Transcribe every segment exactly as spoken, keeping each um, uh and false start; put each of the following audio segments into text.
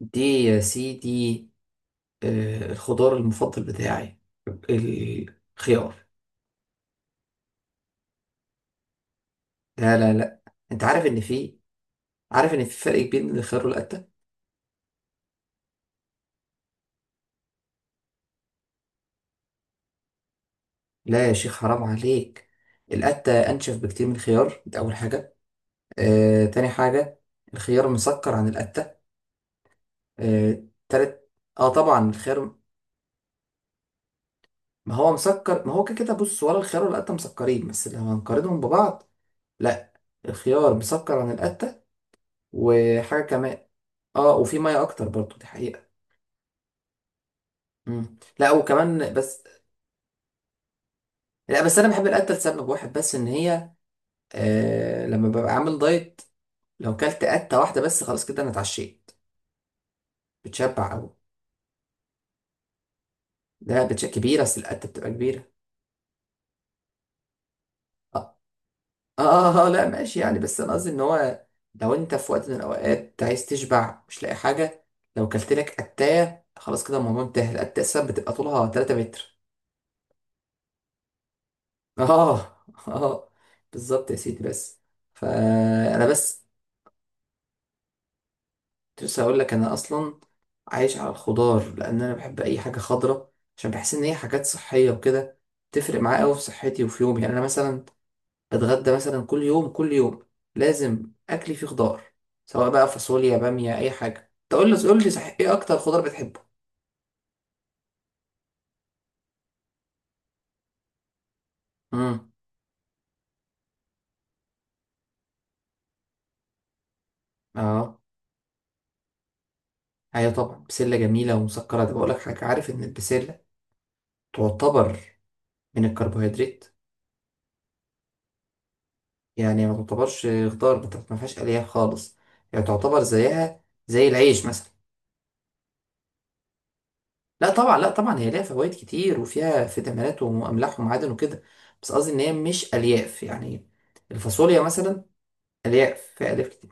دي يا سيدي. آه، الخضار المفضل بتاعي الخيار. لا لا لا. انت عارف ان في، عارف ان في فرق كبير بين الخيار والقتة. لا يا شيخ حرام عليك. القتة انشف بكتير من الخيار، ده اول حاجة. آه، تاني حاجة، الخيار مسكر عن القتة. آه، تالت، اه طبعا الخيار. ما هو مسكر، ما هو كده كده، بص ولا الخيار ولا القتة مسكرين، بس لو هنقارنهم ببعض، لا، الخيار مسكر عن القتة. وحاجة كمان، اه وفي مية اكتر برضو، دي حقيقة. مم. لا وكمان بس. لا بس انا بحب القته لسبب واحد بس، ان هي آه لما ببقى عامل دايت، لو كلت قته واحده بس خلاص كده انا اتعشيت، بتشبع قوي. ده بتش كبيره، اصل القته بتبقى كبيره. اه. اه, آه آه، لا ماشي يعني، بس انا قصدي ان هو لو انت في وقت من الاوقات عايز تشبع مش لاقي حاجه، لو كلت لك قتايه خلاص كده الموضوع انتهى. القتايه اصلا بتبقى طولها تلات متر. اه اه، بالظبط يا سيدي. بس فانا بس كنت لسه هقول لك، انا اصلا عايش على الخضار، لان انا بحب اي حاجه خضراء، عشان بحس ان هي حاجات صحيه وكده. تفرق معايا قوي في صحتي وفي يومي. يعني انا مثلا بتغدى مثلا كل يوم، كل يوم لازم اكلي فيه خضار، سواء بقى فاصوليا، باميه، اي حاجه. تقول لي قول لي صحيح، ايه اكتر خضار بتحبه؟ امم اه ايوه طبعا، بسله جميله ومسكره. ده بقول لك حاجه، عارف ان البسله تعتبر من الكربوهيدرات؟ يعني ما تعتبرش خضار، ما فيهاش الياف خالص، يعني تعتبر زيها زي العيش مثلا. لا طبعا، لا طبعا هي ليها فوائد كتير، وفيها فيتامينات واملاح ومعادن وكده، بس قصدي ان هي مش الياف، يعني الفاصوليا مثلا الياف، فيها الياف كتير.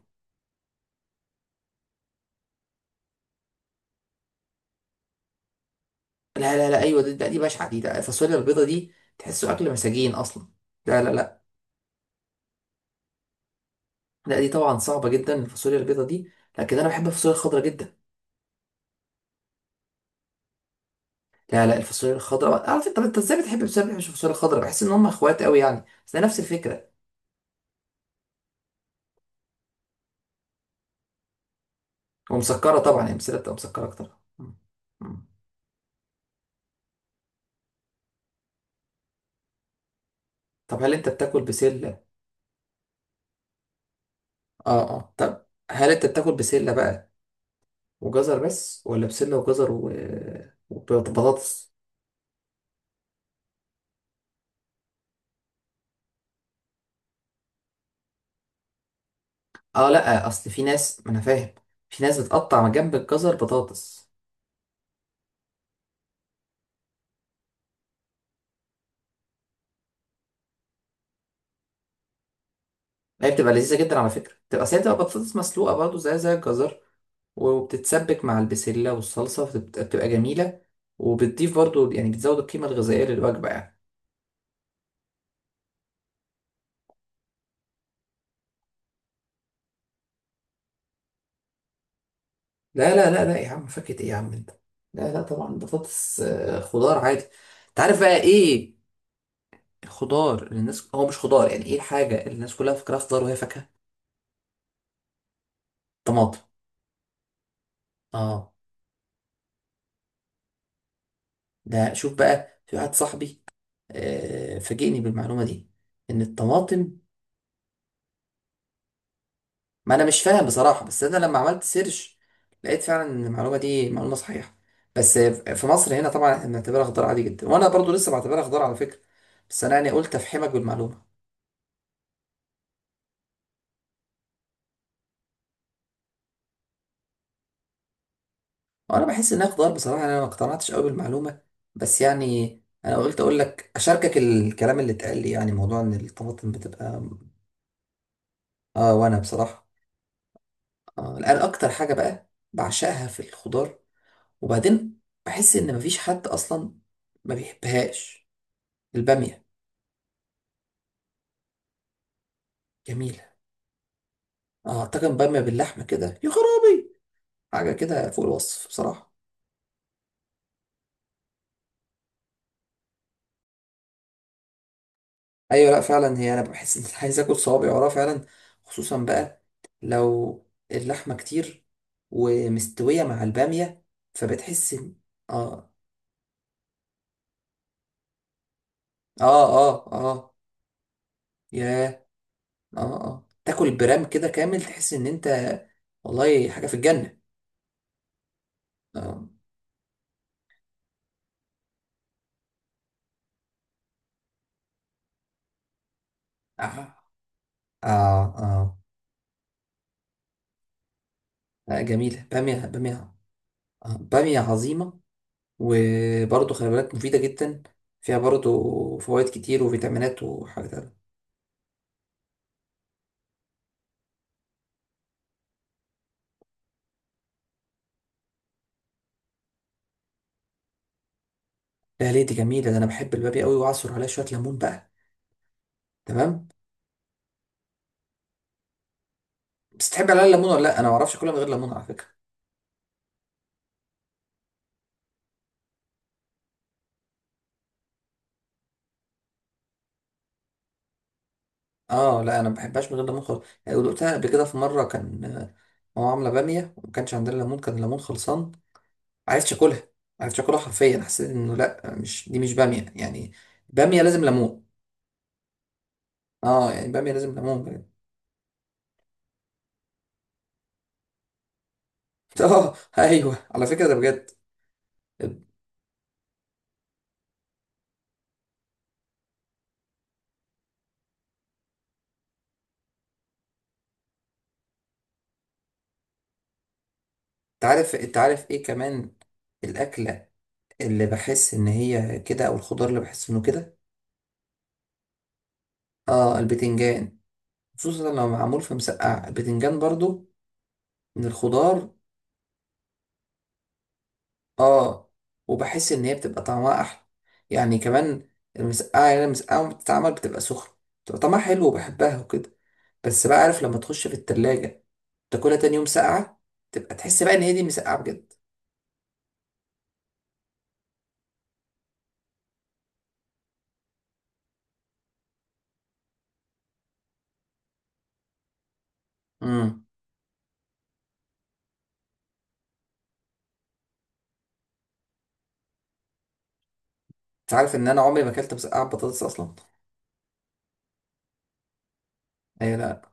لا لا لا، ايوه دي، لا دي بشعه دي، ده الفاصوليا البيضه دي تحسه اكل مساجين اصلا. لا لا لا. لا دي طبعا صعبه جدا الفاصوليا البيضه دي، لكن انا بحب الفاصوليا الخضراء جدا. لا لا الفاصوليا الخضراء، عارف انت طب انت ازاي بتحب، ازاي ما بتحبش الفاصوليا الخضراء؟ بحس ان هم اخوات قوي يعني، بس ده نفس الفكره. ومسكره طبعا، هي بسله بتبقى مسكره اكتر. م. م. طب هل انت بتاكل بسله؟ اه اه طب هل انت بتاكل بسلة بقى وجزر بس ولا بسلة وجزر و... وبطاطس؟ اه لا اصل في ناس، ما انا فاهم، في ناس بتقطع من جنب الجزر بطاطس. هي بتبقى لذيذة جدا على فكرة. بتبقى، أصل هي بتبقى بطاطس مسلوقة برضه زي زي الجزر، وبتتسبك مع البسلة والصلصة، فبتبقى بتبقى جميلة، وبتضيف برضه يعني بتزود القيمة الغذائية للوجبة يعني. لا لا لا، لا يا عم، فاكهة ايه يا عم انت؟ لا لا طبعا بطاطس آه، خضار عادي. انت عارف بقى ايه الخضار اللي الناس، هو مش خضار يعني، ايه الحاجة اللي الناس كلها فاكراها خضار وهي فاكهة؟ طماطم. اه. ده شوف بقى، في واحد صاحبي آه فاجئني بالمعلومة دي ان الطماطم، ما انا مش فاهم بصراحة، بس انا لما عملت سيرش لقيت فعلا ان المعلومة دي معلومة صحيحة. بس في مصر هنا طبعا احنا بنعتبرها خضار عادي جدا، وانا برضو لسه بعتبرها خضار على فكرة، بس انا يعني قلت افحمك بالمعلومة. انا بحس انها خضار بصراحه، يعني انا ما اقتنعتش قوي بالمعلومه، بس يعني انا قلت اقول لك اشاركك الكلام اللي اتقال لي، يعني موضوع ان الطماطم بتبقى. اه وانا بصراحه، آه الان اكتر حاجه بقى بعشقها في الخضار وبعدين، بحس ان مفيش حد اصلا ما بيحبهاش، الباميه. جميله. اه طاجن باميه باللحمه كده، يا خرابي، حاجه كده فوق الوصف بصراحه. ايوه، لا فعلا، هي انا بحس ان أنا عايز اكل صوابعي وراه فعلا، خصوصا بقى لو اللحمه كتير ومستويه مع الباميه، فبتحس ان اه، اه اه اه، ياه، اه اه تاكل برام كده كامل، تحس ان انت والله حاجه في الجنه. اه. اه اه, آه. آه جميله، باميه، باميه. آه. باميه عظيمه. وبرضه خلي بالك، مفيده جدا، فيها برضه فوائد كتير وفيتامينات وحاجات. لا ليه؟ دي جميله، ده انا بحب البابي قوي واعصر عليها شويه ليمون بقى. تمام. بس تحب عليها الليمون ولا لا؟ انا ما اعرفش اكلها من غير ليمون على فكره. اه لا انا ما بحبهاش من غير ليمون خالص، يعني دقتها قبل كده في مره، كان آه، ماما عامله باميه وما كانش عندنا ليمون، كان الليمون خلصان، عرفتش اكلها عرفتش اكلها حرفيا. حسيت انه لا مش دي، مش باميه يعني. باميه لازم ليمون. اه يعني باميه لازم ليمون بجد. اه ايوه على فكره ده بجد. انت عارف، انت عارف ايه كمان الاكله اللي بحس ان هي كده، او الخضار اللي بحس انه كده؟ اه، البتنجان، خصوصا لو معمول في مسقعة، البتنجان برضو من الخضار. اه وبحس ان هي بتبقى طعمها احلى يعني كمان، المسقعة يعني، المسقعة لما بتتعمل بتبقى سخنة بتبقى طعمها حلو وبحبها وكده، بس بقى عارف لما تخش في التلاجة تاكلها تاني يوم ساقعة، تبقى تحس بقى ان هي دي مسقعة بجد. امم انت عارف ان انا عمري ما اكلت مسقعة بطاطس اصلا؟ اي لا.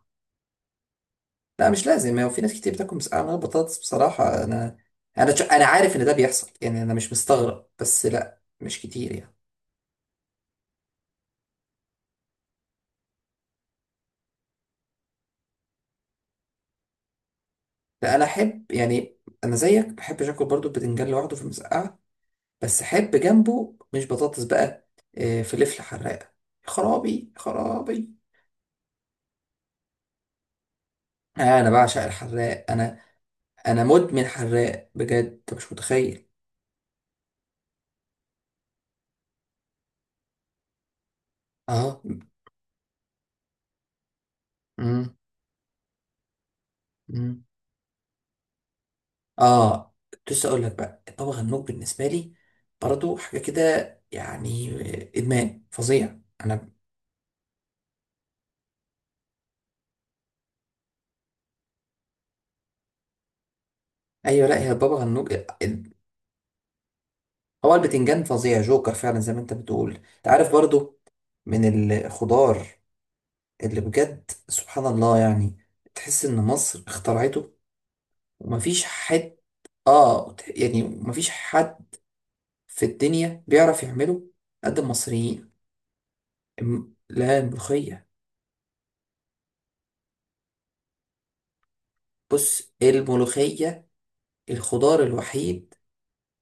لا مش لازم، هو في ناس كتير بتاكل مسقعه من غير بطاطس بصراحه. انا انا ش- انا عارف ان ده بيحصل، يعني انا مش مستغرب، بس لا مش كتير يعني. لا انا احب يعني، انا زيك ما بحبش اكل برضو البتنجان لوحده في المسقعه، بس احب جنبه، مش بطاطس بقى، آه، فلفل حراق. خرابي خرابي. آه، انا بعشق الحراق انا، انا مدمن حراق بجد، أنت مش متخيل. اه. امم اه كنت لسه اقول لك بقى، الطبخ الموج بالنسبه لي برضه حاجه كده يعني، ادمان فظيع. انا ايوه، لا هي البابا غنوج، ال- هو البتنجان فظيع، جوكر فعلا زي ما انت بتقول. انت عارف برضه من الخضار اللي بجد سبحان الله يعني، تحس ان مصر اخترعته، ومفيش حد، اه وت- يعني مفيش حد في الدنيا بيعرف يعمله قد المصريين. الم- لا الملوخيه. بص، الملوخيه الخضار الوحيد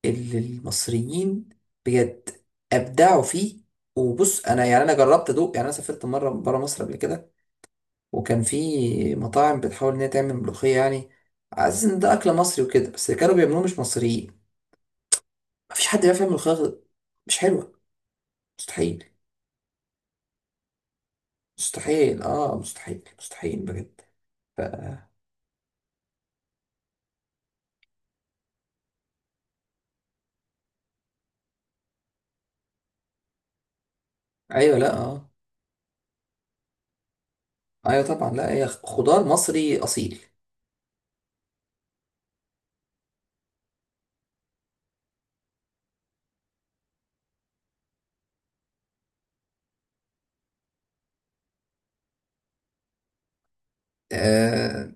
اللي المصريين بجد ابدعوا فيه. وبص انا يعني، انا جربت ادوق، يعني انا سافرت مره بره مصر قبل كده، وكان في مطاعم بتحاول ان هي تعمل ملوخيه يعني، عايز ان ده اكل مصري وكده، بس اللي كانوا بيعملوه مش مصريين. مفيش حد بيعرف يعمل ملوخيه غير- مش حلوه، مستحيل. مستحيل اه مستحيل مستحيل بجد. ف... ايوه لا اه. ايوه طبعا، لا هي خضار مصري اصيل. آه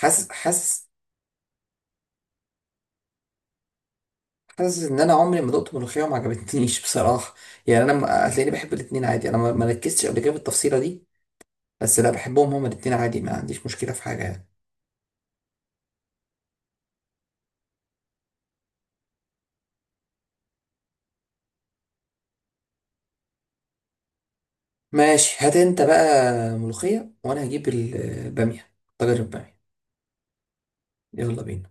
حاسس، حاسس. حاسس ان انا عمري ما دقت ملوخيه وما عجبتنيش بصراحه، يعني انا م- هتلاقيني بحب الاتنين عادي، انا ما ما ركزتش قبل كده في التفصيله دي، بس لا بحبهم هما الاتنين عادي، ما عنديش مشكله في حاجه يعني. ماشي، هات انت بقى ملوخيه، وانا هجيب الباميه، طاجن الباميه. يلا بينا.